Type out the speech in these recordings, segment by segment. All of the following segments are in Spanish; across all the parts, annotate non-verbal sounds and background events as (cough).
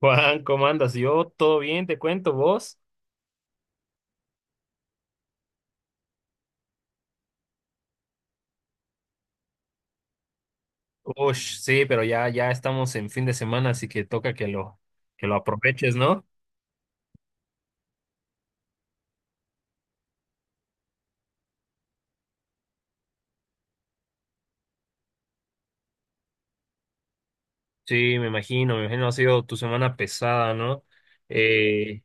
Juan, ¿cómo andas? Yo todo bien, te cuento, ¿vos? Ush, sí, pero ya estamos en fin de semana, así que toca que lo aproveches, ¿no? Sí, me imagino ha sido tu semana pesada, ¿no? Eh,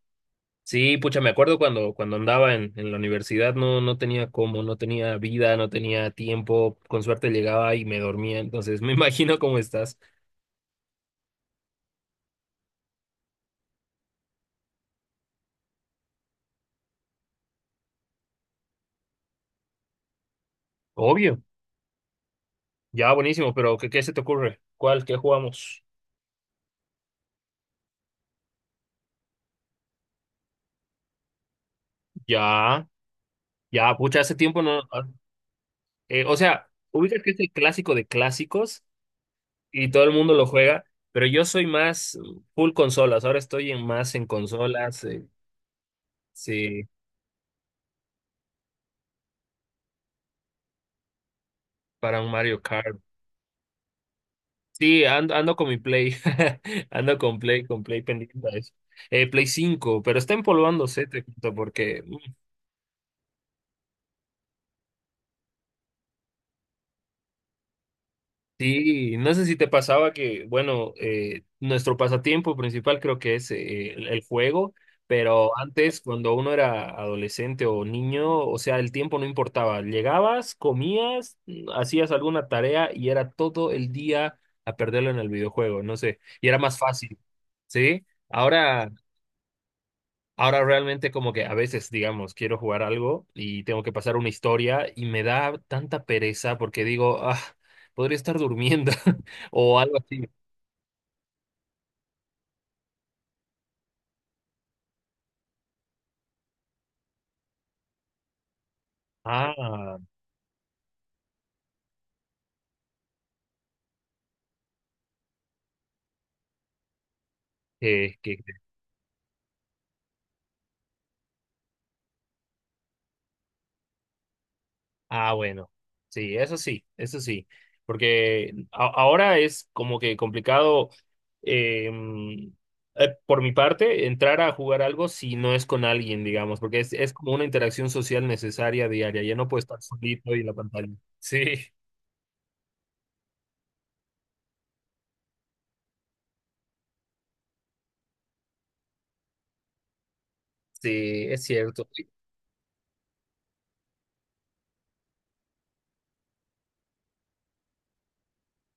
sí, pucha, me acuerdo cuando andaba en la universidad, no, no tenía cómo, no tenía vida, no tenía tiempo, con suerte llegaba y me dormía, entonces (laughs) me imagino cómo estás. Obvio, ya, buenísimo, pero ¿qué se te ocurre? ¿Cuál? ¿Qué jugamos? Ya, ya, pucha, hace tiempo no. O sea, ubicas que es el clásico de clásicos y todo el mundo lo juega, pero yo soy más full consolas. Ahora estoy en más en consolas, sí, para un Mario Kart. Sí, ando con mi Play, (laughs) ando con Play pendiente a eso. Play 5, pero está empolvándose, te cuento, porque sí, no sé si te pasaba que, bueno, nuestro pasatiempo principal creo que es el juego, pero antes cuando uno era adolescente o niño, o sea, el tiempo no importaba. Llegabas, comías, hacías alguna tarea y era todo el día a perderlo en el videojuego, no sé, y era más fácil, ¿sí? Ahora realmente como que a veces, digamos, quiero jugar algo y tengo que pasar una historia y me da tanta pereza porque digo, ah, podría estar durmiendo (laughs) o algo así. Ah, que, que, ah, bueno, sí, eso sí, eso sí, porque ahora es como que complicado, eh, mm, por mi parte entrar a jugar algo si no es con alguien, digamos, porque es como una interacción social necesaria diaria, ya no puedo estar solito y en la pantalla. Sí. Sí, es cierto.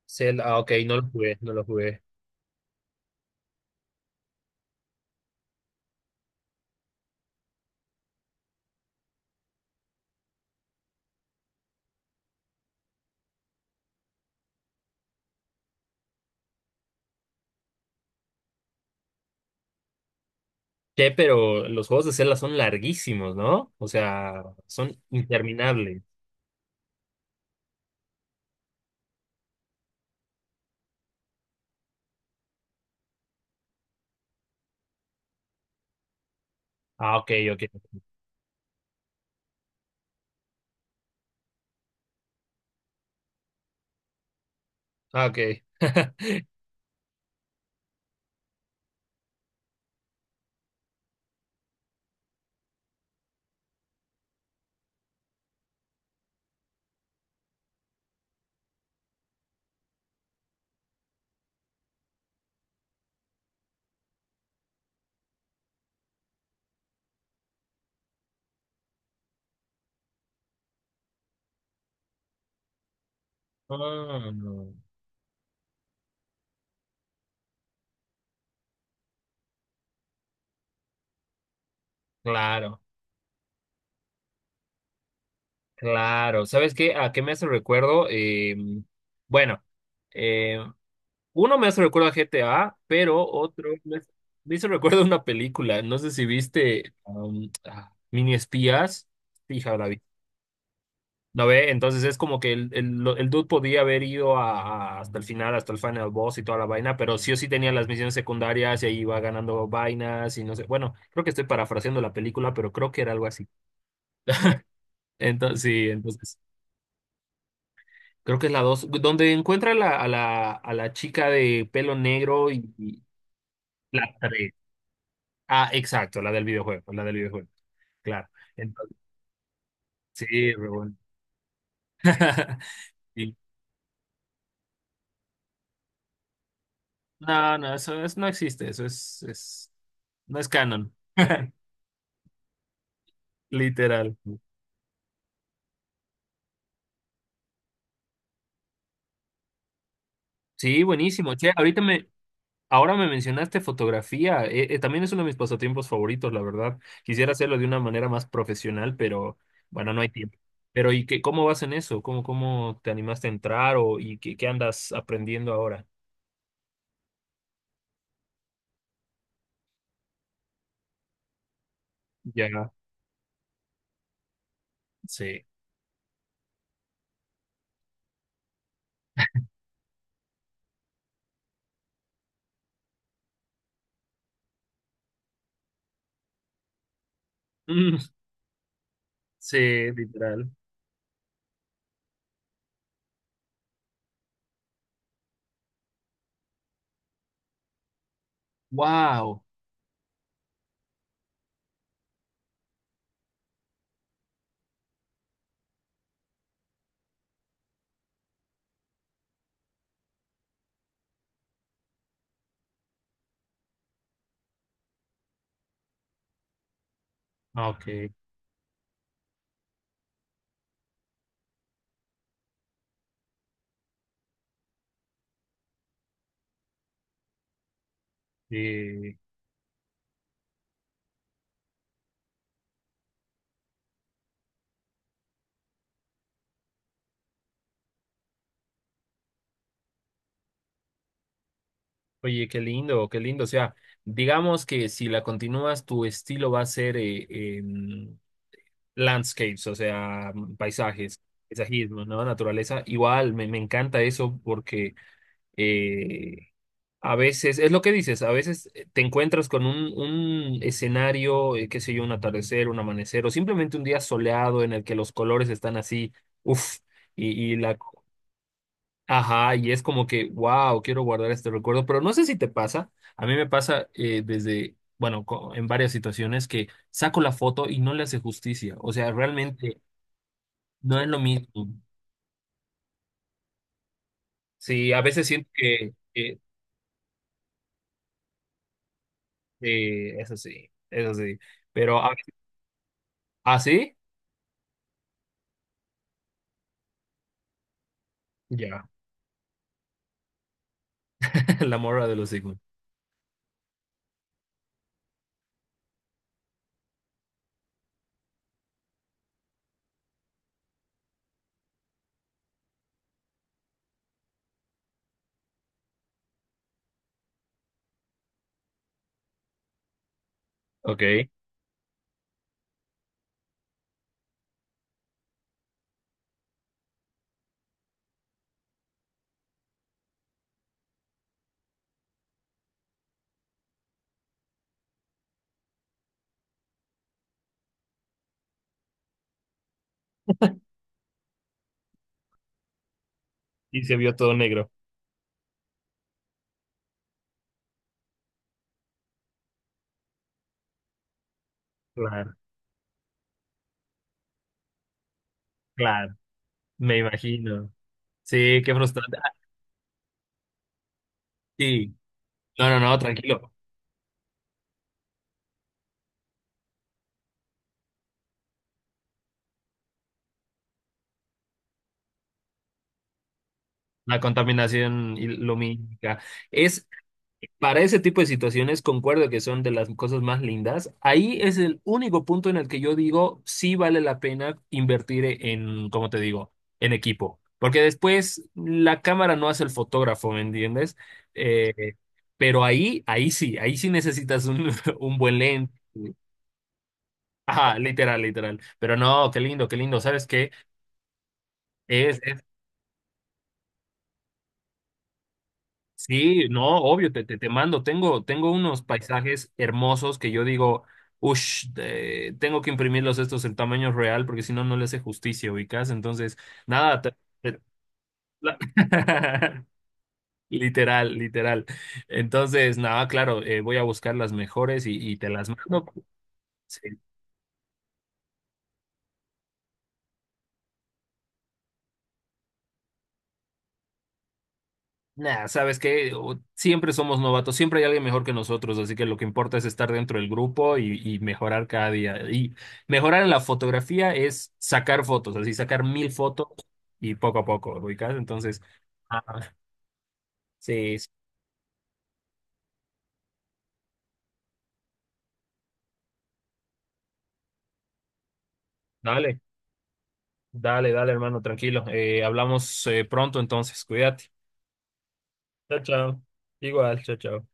Zelda, ah, ok, no lo jugué, no lo jugué. Che, pero los juegos de Zelda son larguísimos, ¿no? O sea, son interminables. Ah, ok, ok. Ah, ok. (laughs) Ah, no. Claro, claro. ¿Sabes qué? ¿A qué me hace recuerdo? Bueno, eh, uno me hace recuerdo a GTA, pero me hizo recuerdo a una película. No sé si viste Mini Espías. Fija, la ¿No ve? Entonces es como que el dude podía haber ido a, hasta el final boss y toda la vaina, pero sí o sí tenía las misiones secundarias y ahí iba ganando vainas y no sé. Bueno, creo que estoy parafraseando la película, pero creo que era algo así. Entonces, sí, entonces, creo que es la dos, donde encuentra a la chica de pelo negro y la tres. Ah, exacto, la del videojuego, claro. Entonces, sí, re bueno. (laughs) Sí. No, no, eso no existe, no es canon. (laughs) Literal. Sí, buenísimo. Che, ahora me mencionaste fotografía. También es uno de mis pasatiempos favoritos, la verdad. Quisiera hacerlo de una manera más profesional, pero bueno, no hay tiempo. Pero ¿y qué, cómo vas en eso? ¿Cómo te animaste a entrar o y qué, qué andas aprendiendo ahora? Ya, sí. Mm, sí, literal. Wow. Ok. Sí. Oye, qué lindo, qué lindo. O sea, digamos que si la continúas, tu estilo va a ser landscapes, o sea, paisajes, paisajismo, ¿no? Naturaleza. Igual, me encanta eso porque eh, a veces, es lo que dices, a veces te encuentras con un escenario, qué sé yo, un atardecer, un amanecer, o simplemente un día soleado en el que los colores están así, uff, y la... Ajá, y es como que, wow, quiero guardar este recuerdo, pero no sé si te pasa, a mí me pasa desde, bueno, en varias situaciones que saco la foto y no le hace justicia, o sea, realmente no es lo mismo. Sí, a veces siento eso sí, eso sí. Pero ¿ah, sí ya, (laughs) la morra de los Sigmund. Ok. Y se vio todo negro. Claro, claro, me imagino. Sí, qué frustrante. Ah, sí. No, no, no, tranquilo. La contaminación lumínica. Es, para ese tipo de situaciones, concuerdo que son de las cosas más lindas. Ahí es el único punto en el que yo digo, sí vale la pena invertir en, como te digo, en equipo. Porque después la cámara no hace el fotógrafo, ¿me entiendes? Eh, pero ahí, ahí sí necesitas un, (laughs) un buen lente. Ajá, literal, literal. Pero no, qué lindo, qué lindo. ¿Sabes qué? Es sí, no, obvio, te mando. Tengo unos paisajes hermosos que yo digo, ush, tengo que imprimirlos estos en tamaño real porque si no, no le hace justicia, ubicas. Entonces, nada, te- te- la- (laughs) literal, literal. Entonces, nada, claro, voy a buscar las mejores y te las mando. Sí. Nah, sabes que siempre somos novatos, siempre hay alguien mejor que nosotros, así que lo que importa es estar dentro del grupo y mejorar cada día. Y mejorar en la fotografía es sacar fotos, así sacar mil fotos y poco a poco, ubicás. Entonces, ah, sí, sí. Dale, dale, dale, hermano, tranquilo. Hablamos pronto entonces, cuídate. Chao, chao. Igual, chao, chao.